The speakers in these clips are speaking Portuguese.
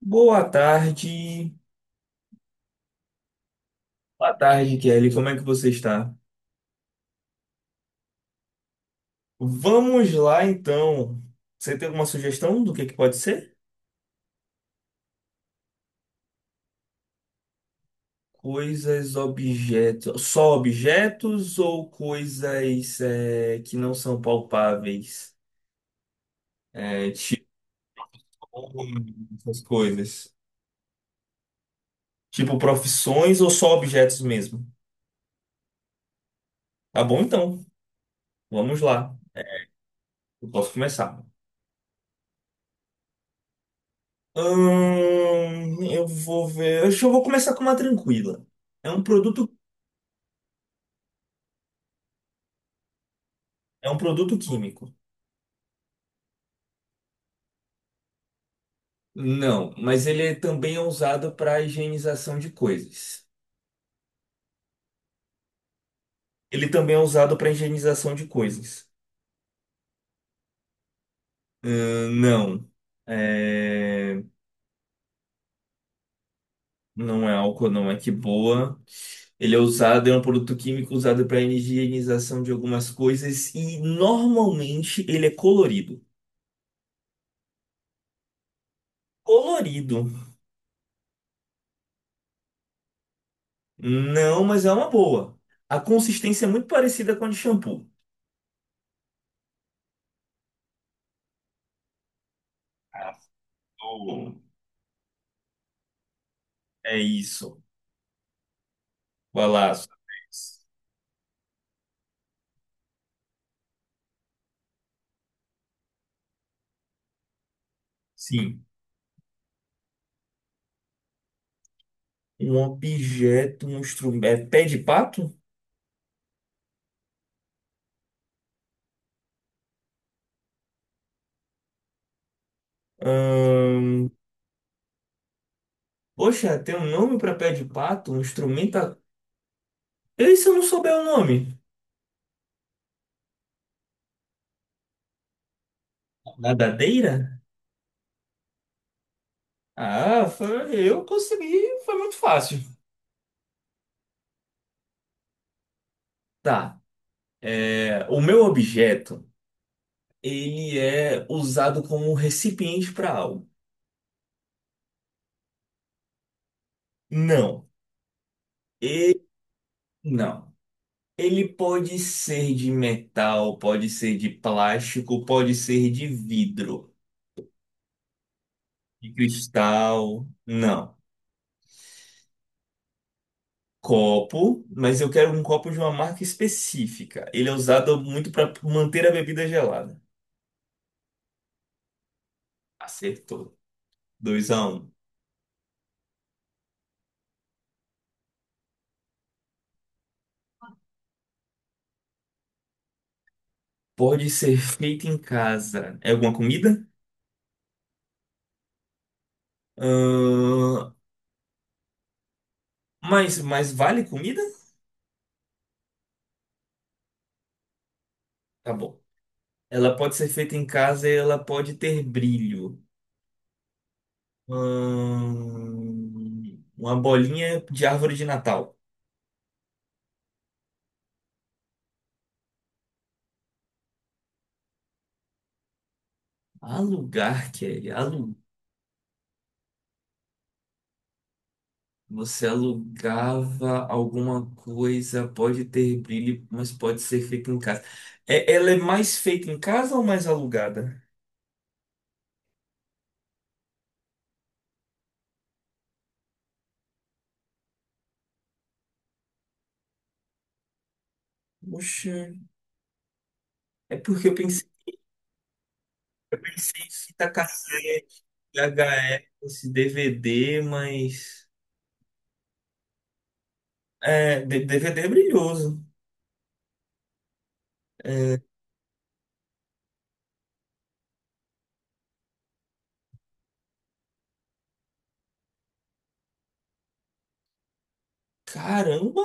Boa tarde. Boa tarde, Kelly. Como é que você está? Vamos lá, então. Você tem alguma sugestão do que pode ser? Coisas, objetos. Só objetos ou coisas é, que não são palpáveis? É, tipo, essas coisas. Tipo, profissões ou só objetos mesmo? Tá bom, então. Vamos lá. Eu posso começar. Eu vou ver. Acho que eu vou começar com uma tranquila. É um produto É um produto químico. Não, mas ele também é usado para higienização de coisas. Ele também é usado para higienização de coisas. Não, É, não é álcool, não é que boa. Ele é usado, é um produto químico usado para higienização de algumas coisas e normalmente ele é colorido. Colorido. Não, mas é uma boa. A consistência é muito parecida com a de shampoo. Azul. É isso. Vai lá. Sua vez. Sim. Um objeto, um instrumento. É pé de pato? Ahn, Poxa, tem um nome para pé de pato? Um instrumento. E se eu não souber o nome? Nadadeira? Ah, eu consegui, foi muito fácil. Tá. É, o meu objeto, ele é usado como recipiente para algo. Não. E não. Ele pode ser de metal, pode ser de plástico, pode ser de vidro, de cristal. Não. Copo, mas eu quero um copo de uma marca específica. Ele é usado muito para manter a bebida gelada. Acertou. Dois a um. Pode ser feito em casa. É alguma comida? Ahn, mas vale comida? Tá bom. Ela pode ser feita em casa e ela pode ter brilho. Uma bolinha de árvore de Natal. Alugar lugar, Kelly, há. Você alugava alguma coisa, pode ter brilho, mas pode ser feita em casa. É, ela é mais feita em casa ou mais alugada? Poxa, é porque eu pensei, pensei em fita cassete, VHS, DVD, mas. É, DVD é brilhoso. É, caramba,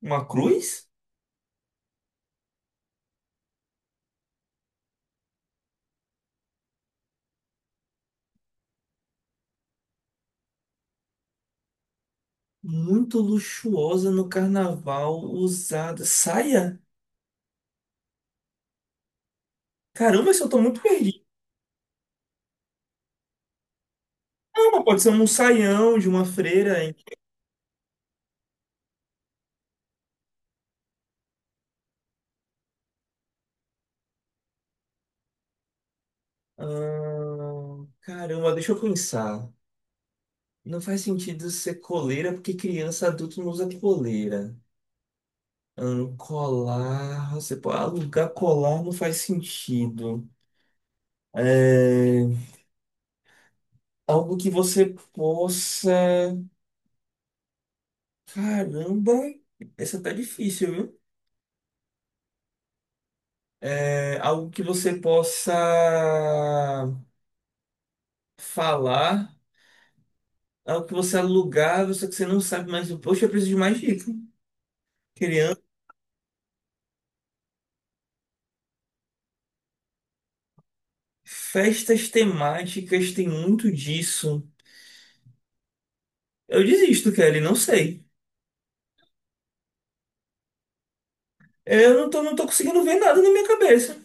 uma cruz? Muito luxuosa no carnaval, usada. Saia? Caramba, isso eu tô muito perdido. Não, mas pode ser um saião de uma freira. Ah, caramba, deixa eu pensar. Não faz sentido ser coleira porque criança, adulto não usa coleira. Colar, você pode alugar colar não faz sentido. É, algo que você possa. Caramba, essa tá difícil, viu? É, algo que você possa falar, algo que você alugar, só que você não sabe mais. Poxa, eu preciso de mais dica. Festas temáticas tem muito disso. Eu desisto, Kelly, não sei. Eu não tô, não tô conseguindo ver nada na minha cabeça.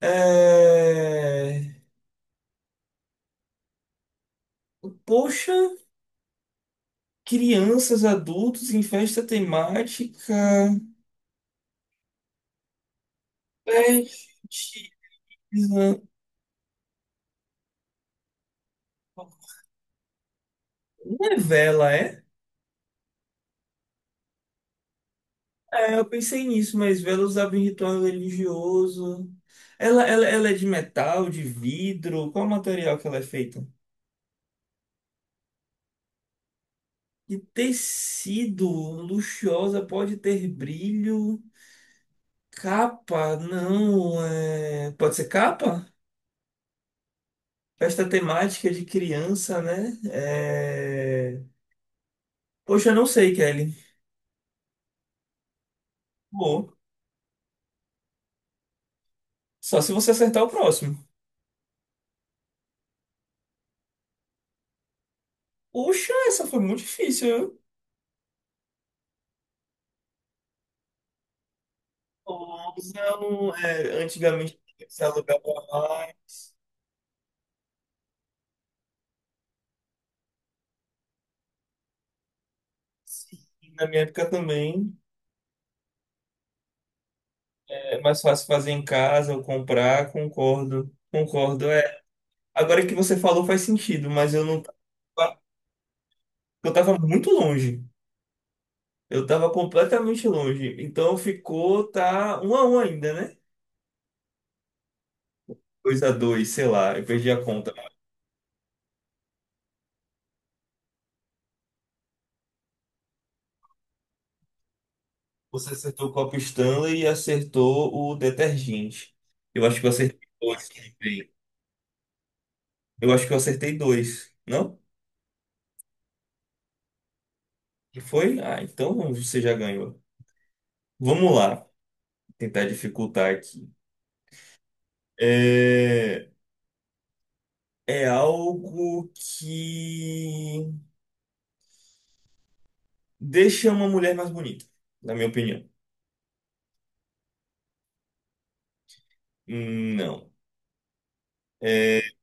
É... Poxa, crianças, adultos em festa temática. Festa. Não é vela, é? É, eu pensei nisso, mas vela usava em ritual religioso. Ela é de metal, de vidro? Qual material que ela é feita? De tecido luxuosa pode ter brilho. Capa, não. É... Pode ser capa? Festa temática de criança, né? É... Poxa, eu não sei, Kelly. Pô, só se você acertar o próximo. Poxa, essa foi muito difícil, viu? Blusão, é, antigamente se alugava mais. Sim, na minha época também. É mais fácil fazer em casa ou comprar, concordo. Concordo. Agora que você falou faz sentido, mas eu não tava, eu tava muito longe. Eu tava completamente longe. Então ficou, tá, um a um ainda, né? Dois a dois, sei lá, eu perdi a conta. Você acertou o copo Stanley e acertou o detergente. Eu acho que eu acertei dois também. Eu acho que eu acertei dois, não? E foi? Ah, então você já ganhou. Vamos lá, tentar dificultar aqui. É, é algo que deixa uma mulher mais bonita, na minha opinião. Não. É,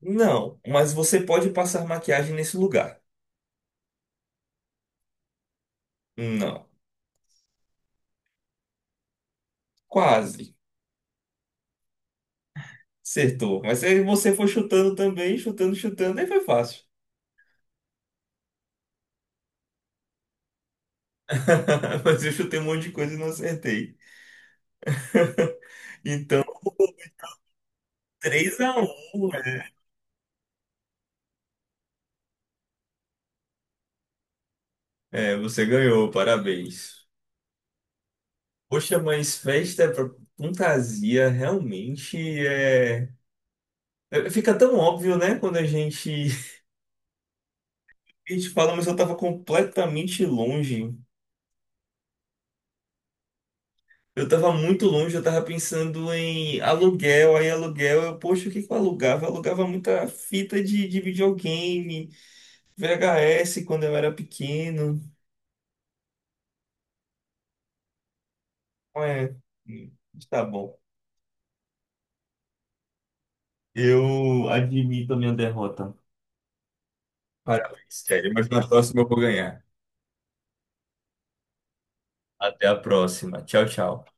não, mas você pode passar maquiagem nesse lugar. Não. Quase. Acertou. Mas aí você foi chutando também, chutando, chutando, aí foi fácil. Mas eu chutei um monte de coisa e não acertei. Então, três a um, né? É, você ganhou, parabéns. Poxa, mas festa é pra fantasia realmente é. É, fica tão óbvio, né? Quando a gente. A gente fala, mas eu tava completamente longe. Eu tava muito longe, eu tava pensando em aluguel, aí aluguel, eu, poxa, o que que eu alugava? Eu alugava muita fita de videogame, VHS quando eu era pequeno. É, Hum, tá bom. Eu admito a minha derrota. Parabéns, sério, mas na próxima eu vou ganhar. Até a próxima. Tchau, tchau.